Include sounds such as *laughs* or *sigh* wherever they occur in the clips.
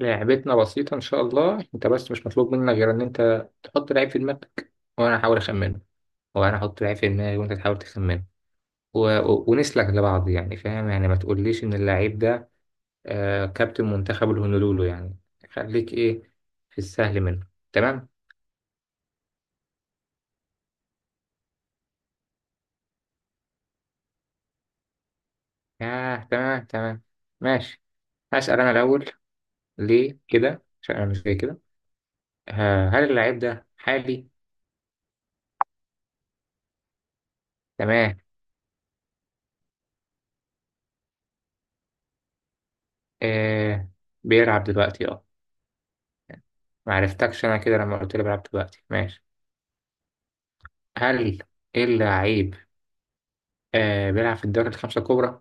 لعبتنا بسيطة إن شاء الله. أنت بس مش مطلوب منك غير إن أنت تحط لعيب في دماغك وأنا أحاول أخمنه، وأنا أحط لعيب في دماغي وأنت تحاول تخمنه. و... و... ونسلك لبعض، يعني فاهم؟ يعني ما تقوليش إن اللعيب ده آه كابتن منتخب الهونولولو يعني، خليك إيه في السهل منه. تمام؟ آه تمام تمام، ماشي. هسأل أنا الأول. ليه كده؟ عشان أنا مش زي كده. آه، هل اللعيب ده حالي؟ تمام، آه بيلعب دلوقتي أه. معرفتكش أنا كده لما قلت لي بيلعب دلوقتي، ماشي. هل اللعيب آه بيلعب في الدوري الخمسة الكبرى؟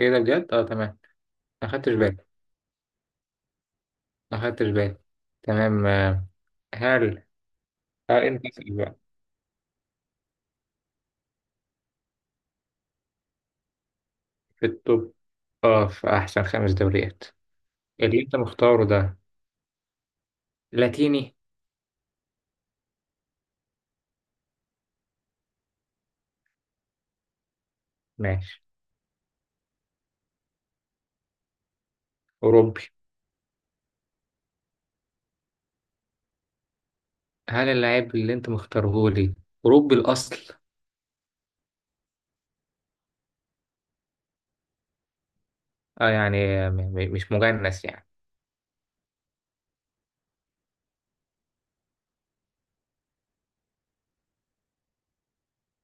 ايه ده بجد؟ اه تمام. ما خدتش بالي، ما خدتش بالي. تمام آه. هل هل انت بقى في التوب، اه في احسن خمس دوريات اللي انت مختاره ده، لاتيني؟ ماشي. اوروبي. هل اللعيب اللي انت مختاره لي اوروبي الاصل؟ اه يعني، مش مجنس يعني.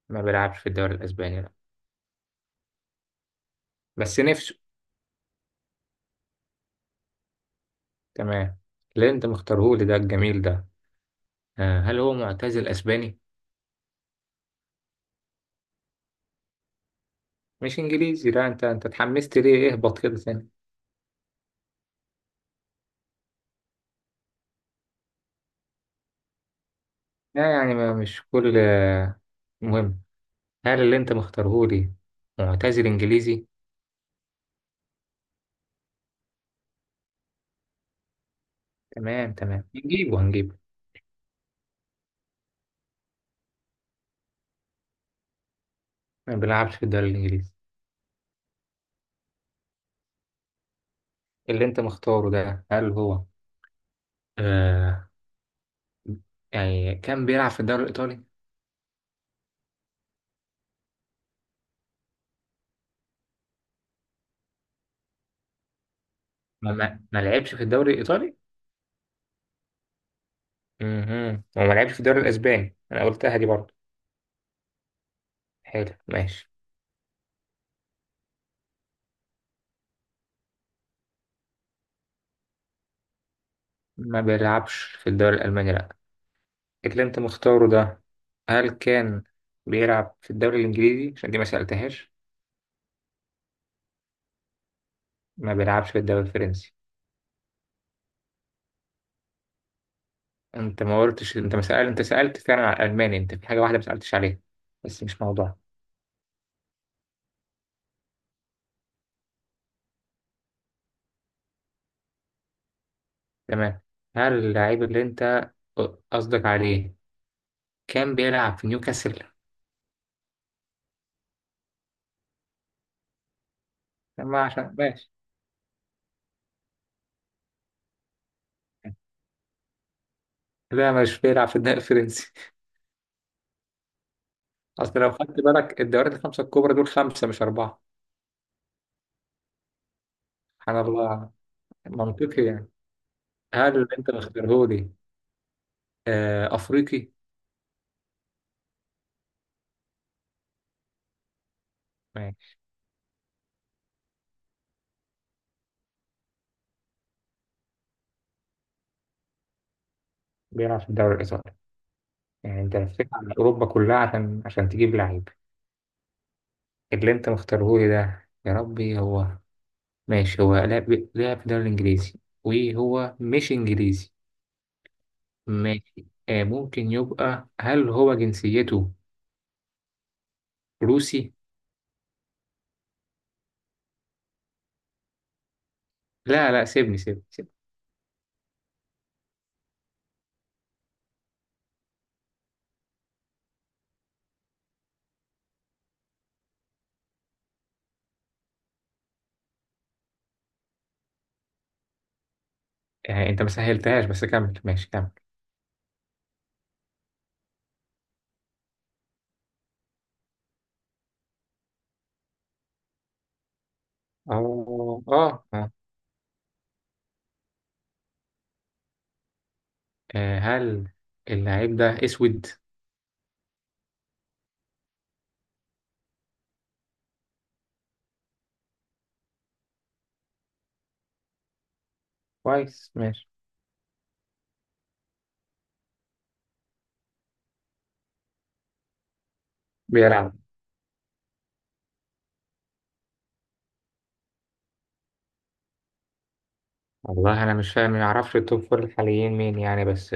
ما بيلعبش في الدوري الاسباني لا، بس نفسه. تمام. اللي انت مختاره لي ده الجميل ده، آه هل هو معتزل اسباني؟ مش انجليزي لا، انت اتحمست ليه؟ اهبط كده ثاني. لا يعني ما مش كل مهم. هل اللي انت مختاره لي معتزل انجليزي؟ تمام تمام، نجيبه هنجيبه. ما بيلعبش في الدوري الانجليزي. اللي انت مختاره ده هل هو آه يعني كان بيلعب في الدوري الايطالي؟ ما لعبش في الدوري الايطالي. وما لعبش في الدوري الاسباني انا قلتها دي برضه. حلو ماشي. ما بيلعبش في الدوري الالماني لا. اللي انت مختاره ده هل كان بيلعب في الدوري الانجليزي عشان دي ما سألتهاش؟ ما بيلعبش في الدوري الفرنسي. انت ما قلتش، انت ما سأل، انت سألت فعلا على الالماني، انت في حاجة واحدة ما سألتش عليها بس مش موضوع. تمام. هل اللعيب اللي انت قصدك عليه كان بيلعب في نيوكاسل؟ ما عشان ماشي. لا مش بيلعب في الدوري الفرنسي. *laughs* اصل لو خدت بالك الدوريات الخمسة الكبرى دول خمسة مش أربعة. سبحان الله، منطقي يعني. هل اللي انت مختارهولي افريقي؟ بيلعب في الدوري الإيطالي، يعني أنت لفيت على أوروبا كلها عشان تجيب لعيب. اللي أنت مختارهولي ده يا ربي هو، ماشي. هو لعب في الدوري الإنجليزي وهو مش إنجليزي. ماشي آه، ممكن يبقى، هل هو جنسيته روسي؟ لا لا، سيبني سيبني سيبني. آه أنت ما سهلتهاش بس كمل، ماشي كمل. أو آه آه، هل اللعيب ده أسود؟ كويس ماشي. بيلعب. والله أنا مش فاهم، ما أعرفش التوب فور الحاليين مين يعني بس.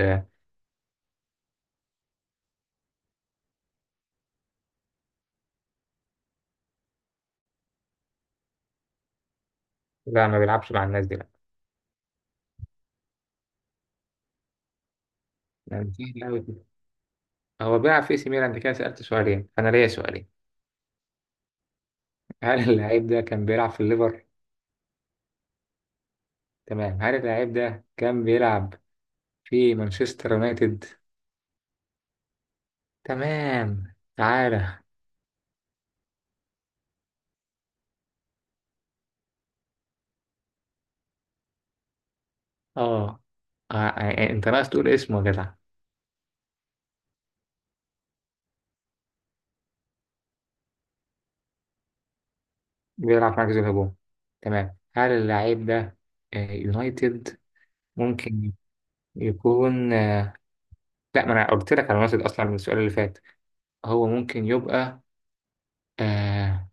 لا ما بيلعبش مع الناس دي لا. يعني سهل أوي كده. هو بيلعب في اي سي ميلان، انت كده سألت سؤالين انا ليا سؤالين. هل اللعيب ده كان بيلعب في الليفر؟ تمام. هل اللعيب ده كان بيلعب في مانشستر يونايتد؟ تمام تعالى. اه انت ناقص تقول اسمه يا جدع. بيلعب في مركز الهجوم، تمام. هل اللعيب ده يونايتد ممكن يكون لا، ما انا قلت لك على يونايتد اصلا من السؤال اللي فات. هو ممكن يبقى آه...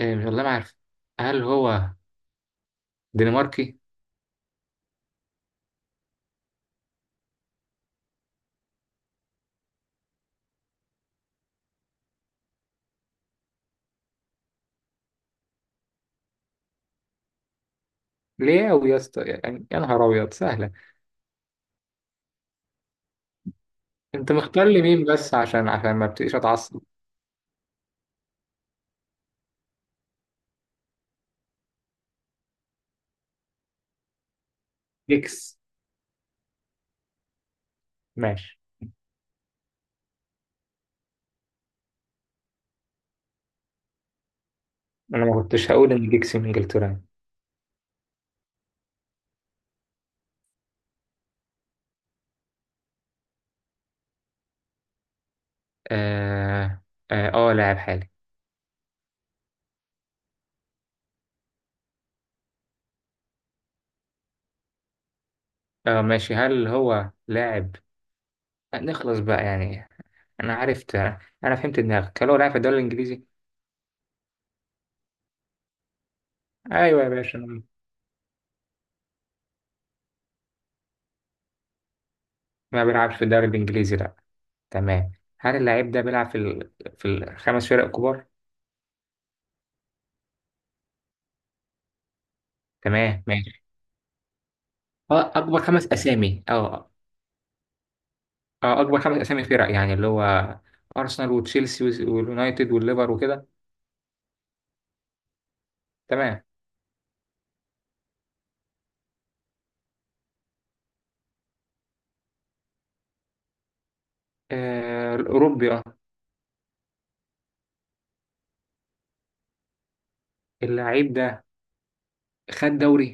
والله ما عارف. هل هو دنماركي؟ ليه أوي يا اسطى؟ يعني يا نهار أبيض سهلة. أنت مختار لي مين بس عشان ما ابتديش أتعصب. جيكس. ماشي، أنا ما كنتش هقول إن جيكس من إنجلترا يعني. آه، آه، آه لاعب حالي. آه ماشي، هل هو لاعب، نخلص بقى يعني، أنا عرفت، أنا فهمت دماغك، هل هو لاعب في الدوري الإنجليزي؟ أيوه يا باشا. ما بيلعبش في الدوري الإنجليزي لأ. تمام، هل اللاعب ده بيلعب في في الخمس فرق الكبار؟ تمام ماشي. اه اكبر خمس اسامي اه، اكبر خمس اسامي فرق يعني اللي هو ارسنال وتشيلسي واليونايتد والليفر وكده. تمام. الاوروبي اه. اللعيب ده خد دوري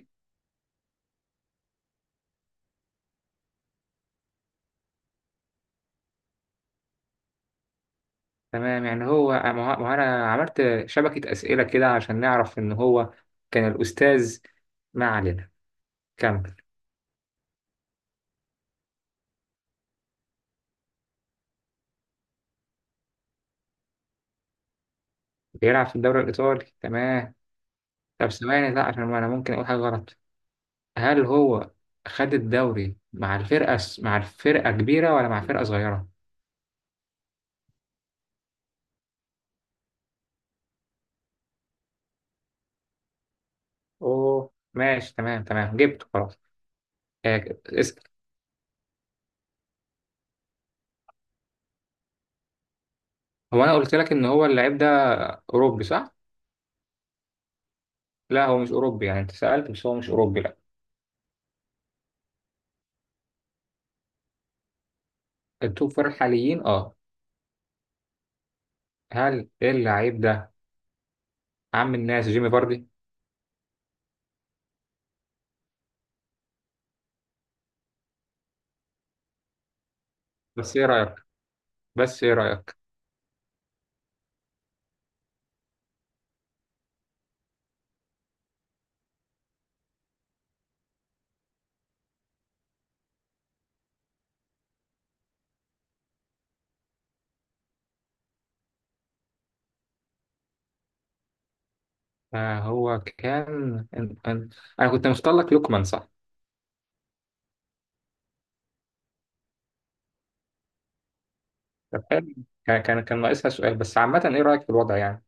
تمام، يعني ما هو انا عملت شبكة اسئلة كده عشان نعرف ان هو كان الاستاذ. ما علينا كمل. بيلعب في الدوري الايطالي تمام. طب ثواني لا، عشان انا ممكن اقول حاجة غلط. هل هو خد الدوري مع الفرقة كبيرة ولا مع فرقة صغيرة؟ اوه ماشي تمام تمام جبته خلاص. آه، هو انا قلت لك ان هو اللعيب ده اوروبي صح؟ لا هو مش اوروبي يعني، انت سالت بس هو مش اوروبي لا. التوب فور الحاليين اه. هل اللعيب ده عم الناس جيمي فاردي؟ بس ايه رايك، بس ايه رايك، آه هو كان انا كنت مختار لك لوكمان صح؟ طب حلو. كان ناقصها سؤال بس عامه ايه رايك في الوضع يعني.